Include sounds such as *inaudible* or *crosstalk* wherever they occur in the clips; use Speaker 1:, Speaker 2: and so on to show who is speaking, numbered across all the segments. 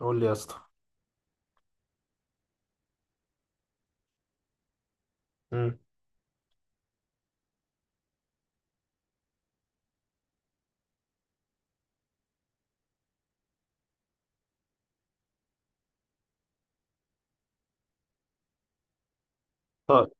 Speaker 1: قول لي يا اسطى. مم. طيب.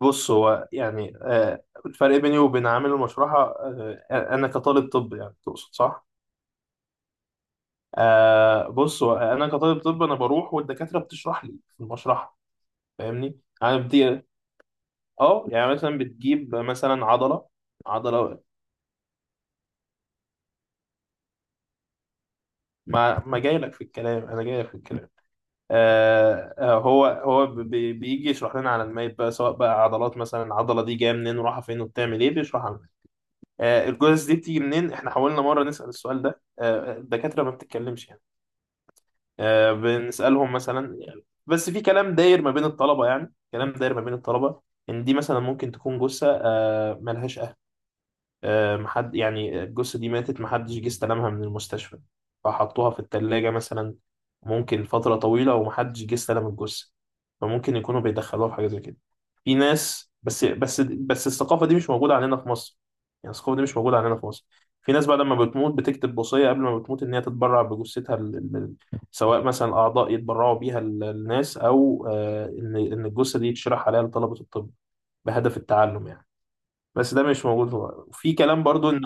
Speaker 1: بص، هو يعني الفرق بيني وبين عامل المشرحة، انا كطالب طب، يعني تقصد؟ صح. بص، هو انا كطالب طب، انا بروح والدكاترة بتشرح لي في المشرحة. فاهمني؟ انا بدي... اه، يعني مثلا بتجيب مثلا عضلة. عضلة. ما جاي لك في الكلام، انا جاي لك في الكلام. هو بيجي يشرح لنا على المايب بقى، سواء بقى عضلات مثلا، العضلة دي جاية منين ورايحة فين وبتعمل ايه، بيشرح. الجثث دي بتيجي منين؟ احنا حاولنا مرة نسأل السؤال ده، الدكاترة ما بتتكلمش يعني. بنسألهم مثلا يعني، بس في كلام داير ما بين الطلبة، يعني كلام داير ما بين الطلبة. إن دي مثلا ممكن تكون جثة ملهاش أهل. محد، يعني الجثة دي ماتت محدش جه استلمها من المستشفى، فحطوها في التلاجة مثلا. ممكن فترة طويلة ومحدش جه استلم الجثة، فممكن يكونوا بيدخلوها في حاجة زي كده. في ناس، بس الثقافة دي مش موجودة عندنا في مصر، يعني الثقافة دي مش موجودة عندنا في مصر. في ناس بقى لما بتموت بتكتب وصية قبل ما بتموت إن هي تتبرع بجثتها سواء مثلا أعضاء يتبرعوا بيها للناس، أو إن الجثة دي يتشرح عليها لطلبة الطب بهدف التعلم يعني. بس ده مش موجود في كلام برضو إن...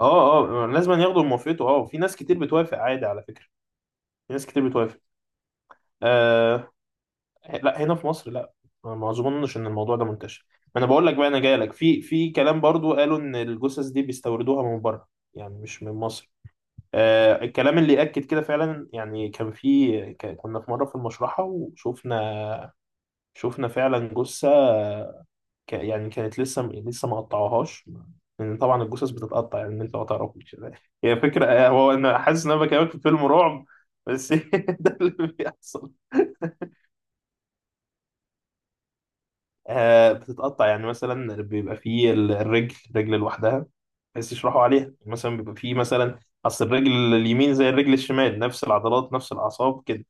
Speaker 1: لازم ياخدوا موافقته. في ناس كتير بتوافق عادي على فكرة، في ناس كتير بتوافق. آه، إيه، لا، هنا في مصر لا. أنا ما اظنش ان الموضوع ده منتشر. ما انا بقول لك بقى، انا جاي لك في كلام برضو قالوا ان الجثث دي بيستوردوها من بره، يعني مش من مصر. الكلام اللي اكد كده فعلا، يعني كان في كنا في مره في المشرحه وشفنا، شفنا فعلا جثه يعني كانت لسه لسه ما قطعوهاش. لان طبعا الجثث بتتقطع، يعني انت ما تعرفش. *laughs* هي فكره، هو انا حاسس ان انا بكلمك في فيلم رعب بس. *laughs* ده اللي بيحصل. بتتقطع، يعني مثلا بيبقى فيه الرجل رجل لوحدها، بس يشرحوا عليها مثلا. بيبقى فيه مثلا اصل الرجل اليمين زي الرجل الشمال، نفس العضلات نفس الاعصاب كده.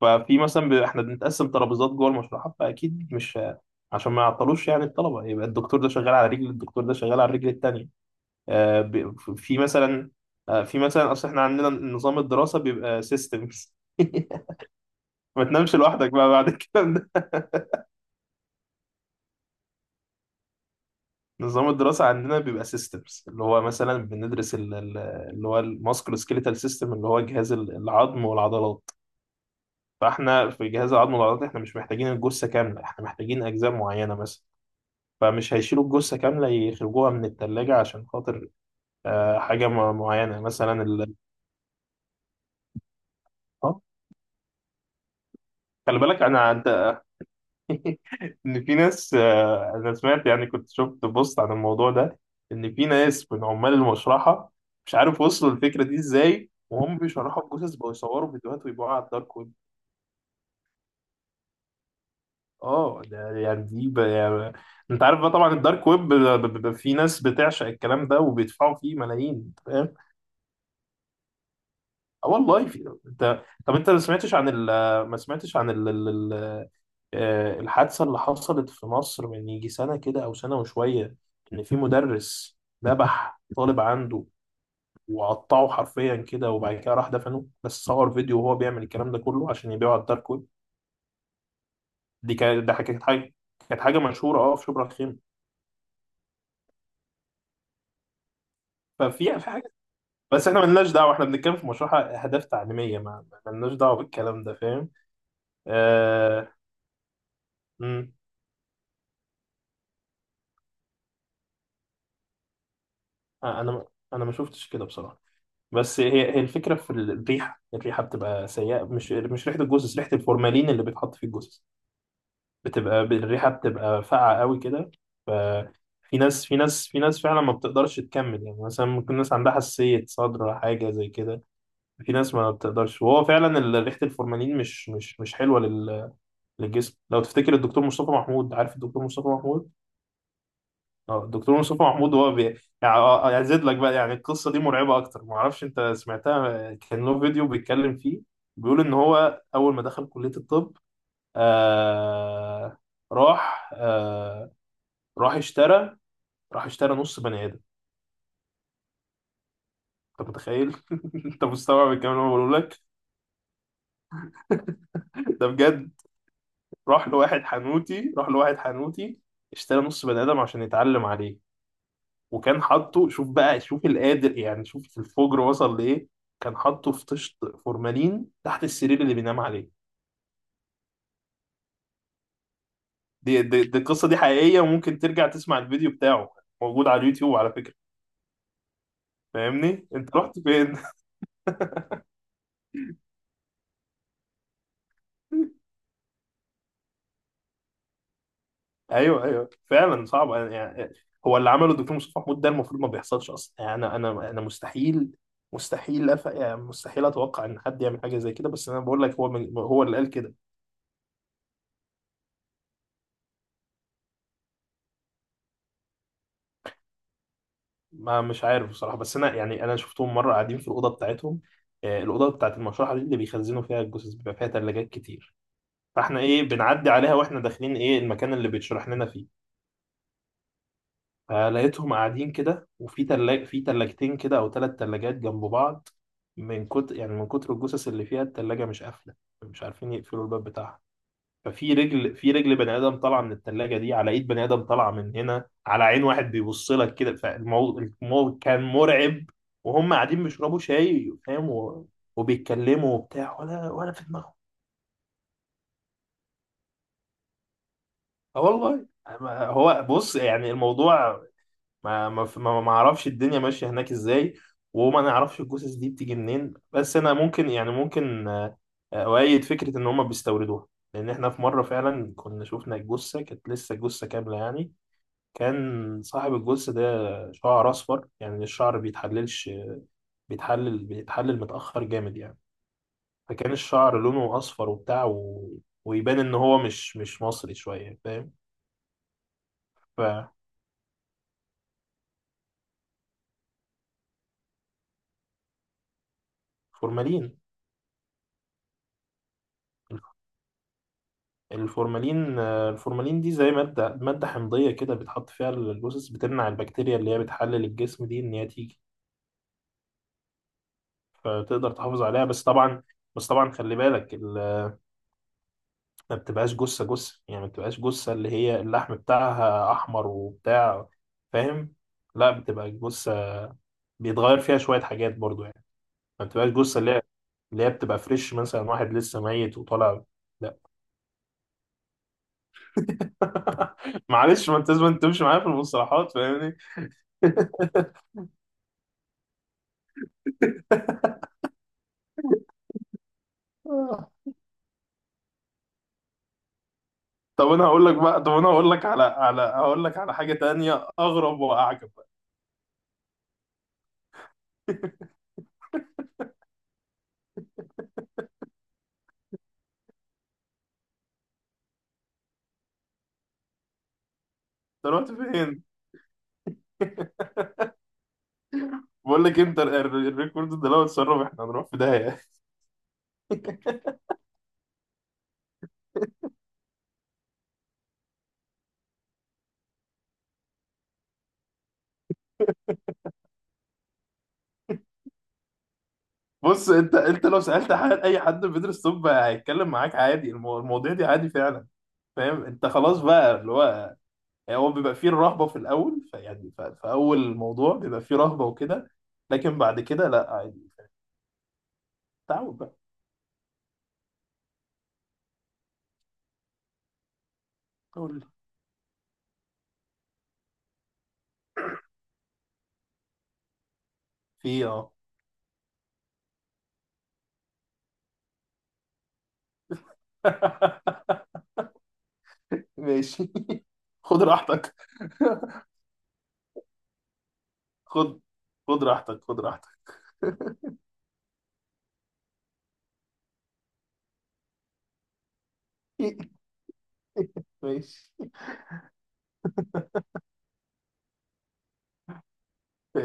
Speaker 1: ففي مثلا بيبقى احنا بنتقسم ترابيزات جوه المشرحه، فاكيد مش عشان ما يعطلوش يعني الطلبه، يبقى الدكتور ده شغال على رجل، الدكتور ده شغال على الرجل التانيه. آه بي- في مثلا، في مثلا، اصل احنا عندنا نظام الدراسه بيبقى سيستمز. *laughs* ما تنامش لوحدك بقى بعد الكلام ده. نظام الدراسة عندنا بيبقى سيستمز، اللي هو مثلا بندرس اللي هو الماسكولو سكيليتال سيستم، اللي هو جهاز العظم والعضلات. فاحنا في جهاز العظم والعضلات احنا مش محتاجين الجثة كاملة، احنا محتاجين أجزاء معينة مثلا. فمش هيشيلوا الجثة كاملة يخرجوها من التلاجة عشان خاطر حاجة معينة، مثلا آه، خلي بالك أنا عدى. *laughs* ان في ناس، انا سمعت يعني، كنت شفت بوست عن الموضوع ده، ان في ناس من عمال المشرحه، مش عارف وصلوا الفكره دي ازاي، وهم بيشرحوا الجثث بقوا يصوروا فيديوهات ويبيعوها على الدارك ويب. اه، ده يعني، دي يعني... انت عارف بقى طبعا الدارك ويب في ناس بتعشق الكلام ده وبيدفعوا فيه ملايين، انت فاهم؟ اه والله، انت طب، انت ما سمعتش عن ما سمعتش عن الحادثة اللي حصلت في مصر من يجي سنة كده أو سنة وشوية، إن في مدرس ذبح طالب عنده وقطعه حرفيا كده، وبعد كده راح دفنه، بس صور فيديو وهو بيعمل الكلام ده كله عشان يبيعه على الدارك ويب. دي كانت ده كانت حاجة، كانت حاجة مشهورة، اه، في شبرا الخيمة. ففي يعني في حاجة، بس احنا ملناش دعوة، احنا بنتكلم في مشروع أهداف تعليمية، ملناش دعوة بالكلام ده، فاهم؟ آه... مم. آه، أنا ما- أنا ما شفتش كده بصراحة. بس هي الفكرة في الريحة، الريحة بتبقى سيئة، مش ريحة الجثث، ريحة الفورمالين اللي بيتحط في الجثث. الريحة بتبقى فاقعة قوي كده. ففي ناس في ناس في ناس فعلا ما بتقدرش تكمل، يعني مثلا ممكن ناس عندها حساسية صدر حاجة زي كده. في ناس ما بتقدرش، وهو فعلا ريحة الفورمالين مش حلوة للجسم. لو تفتكر الدكتور مصطفى محمود، عارف الدكتور مصطفى محمود؟ اه، الدكتور مصطفى محمود هو يعني ازيد لك بقى، يعني القصه دي مرعبه اكتر، ما اعرفش انت سمعتها، كان له فيديو بيتكلم فيه، بيقول ان هو اول ما دخل كليه الطب آه... راح راح اشترى، راح اشترى نص بني ادم. انت متخيل؟ *laughs* انت مستوعب الكلام اللي انا بقوله لك؟ ده بجد. راح لواحد حنوتي، راح لواحد حنوتي، اشترى نص بني ادم عشان يتعلم عليه. وكان حاطه، شوف بقى، شوف القادر يعني، شوف الفجر وصل لإيه، كان حاطه في طشت فورمالين تحت السرير اللي بينام عليه. دي القصة دي حقيقية، وممكن ترجع تسمع الفيديو بتاعه، موجود على اليوتيوب على فكرة. فاهمني؟ انت رحت فين؟ *laughs* ايوه، ايوه، فعلا صعب، يعني هو اللي عمله الدكتور مصطفى محمود ده المفروض ما بيحصلش اصلا، يعني انا مستحيل، مستحيل يعني مستحيل اتوقع ان حد يعمل حاجه زي كده، بس انا بقول لك، هو هو اللي قال كده. ما مش عارف بصراحة، بس أنا يعني أنا شفتهم مرة قاعدين في الأوضة بتاعتهم. الأوضة بتاعت المشرحة دي اللي بيخزنوا فيها الجثث، بيبقى فيها تلاجات كتير. فاحنا بنعدي عليها وإحنا داخلين المكان اللي بيتشرح لنا فيه. فلقيتهم قاعدين كده، وفي في تلاجتين كده أو ثلاث تلاجات جنب بعض. من كتر، يعني من كتر الجثث اللي فيها، التلاجة مش قافلة، مش عارفين يقفلوا الباب بتاعها. ففي رجل، في رجل بني ادم طالعه من الثلاجه دي، على ايد بني ادم طالعه من هنا، على عين واحد بيبص لك كده، فالموضوع الموضوع كان مرعب. وهم قاعدين بيشربوا شاي، فاهم؟ وبيتكلموا وبتاع، ولا في دماغهم. اه والله. هو بص، يعني الموضوع، ما اعرفش الدنيا ماشيه هناك ازاي، وما نعرفش الجثث دي بتيجي منين. بس انا ممكن، يعني ممكن اؤيد فكره ان هم بيستوردوها، لان احنا في مره فعلا كنا شفنا الجثه، كانت لسه جثه كامله يعني. كان صاحب الجثة ده شعر أصفر، يعني الشعر بيتحللش، بيتحلل، بيتحلل متأخر جامد يعني. فكان الشعر لونه أصفر وبتاع ويبان إن هو مش مصري شوية، فاهم؟ ففورمالين، الفورمالين، دي زي مادة، مادة حمضية كده، بتحط فيها الجثث، بتمنع البكتيريا اللي هي بتحلل الجسم دي إن هي تيجي، فتقدر تحافظ عليها. بس طبعا، بس طبعا خلي بالك، ما بتبقاش جثة جثة يعني، ما بتبقاش جثة اللي هي اللحم بتاعها أحمر وبتاع، فاهم؟ لا، بتبقى جثة بيتغير فيها شوية حاجات برضو يعني. ما بتبقاش جثة اللي هي، اللي هي بتبقى فريش، مثلا واحد لسه ميت وطالع. لا. *laughs* معلش، ما انت لازم تمشي معايا في المصطلحات، فاهمني؟ *laughs* طب انا هقول لك بقى، طب انا هقول لك على، هقول لك على حاجة تانية اغرب واعجب بقى. انت رحت فين؟ بقول لك، انت الريكورد ده لو اتسرب احنا هنروح في داهية. *laughs* بص، انت لو سالت حد، اي حد بيدرس طب هيتكلم معاك عادي، المواضيع دي عادي فعلا، فاهم؟ انت خلاص بقى اللي هو، يعني هو بيبقى فيه الرهبه في الاول، فيعني في اول موضوع بيبقى فيه رهبه وكده، لكن بعد كده لا، عادي. تعود بقى. قول لي. في ايه؟ اه. *laughs* ماشي. *laughs* خد راحتك. خد خد راحتك، خد راحتك. *laughs* ماشي.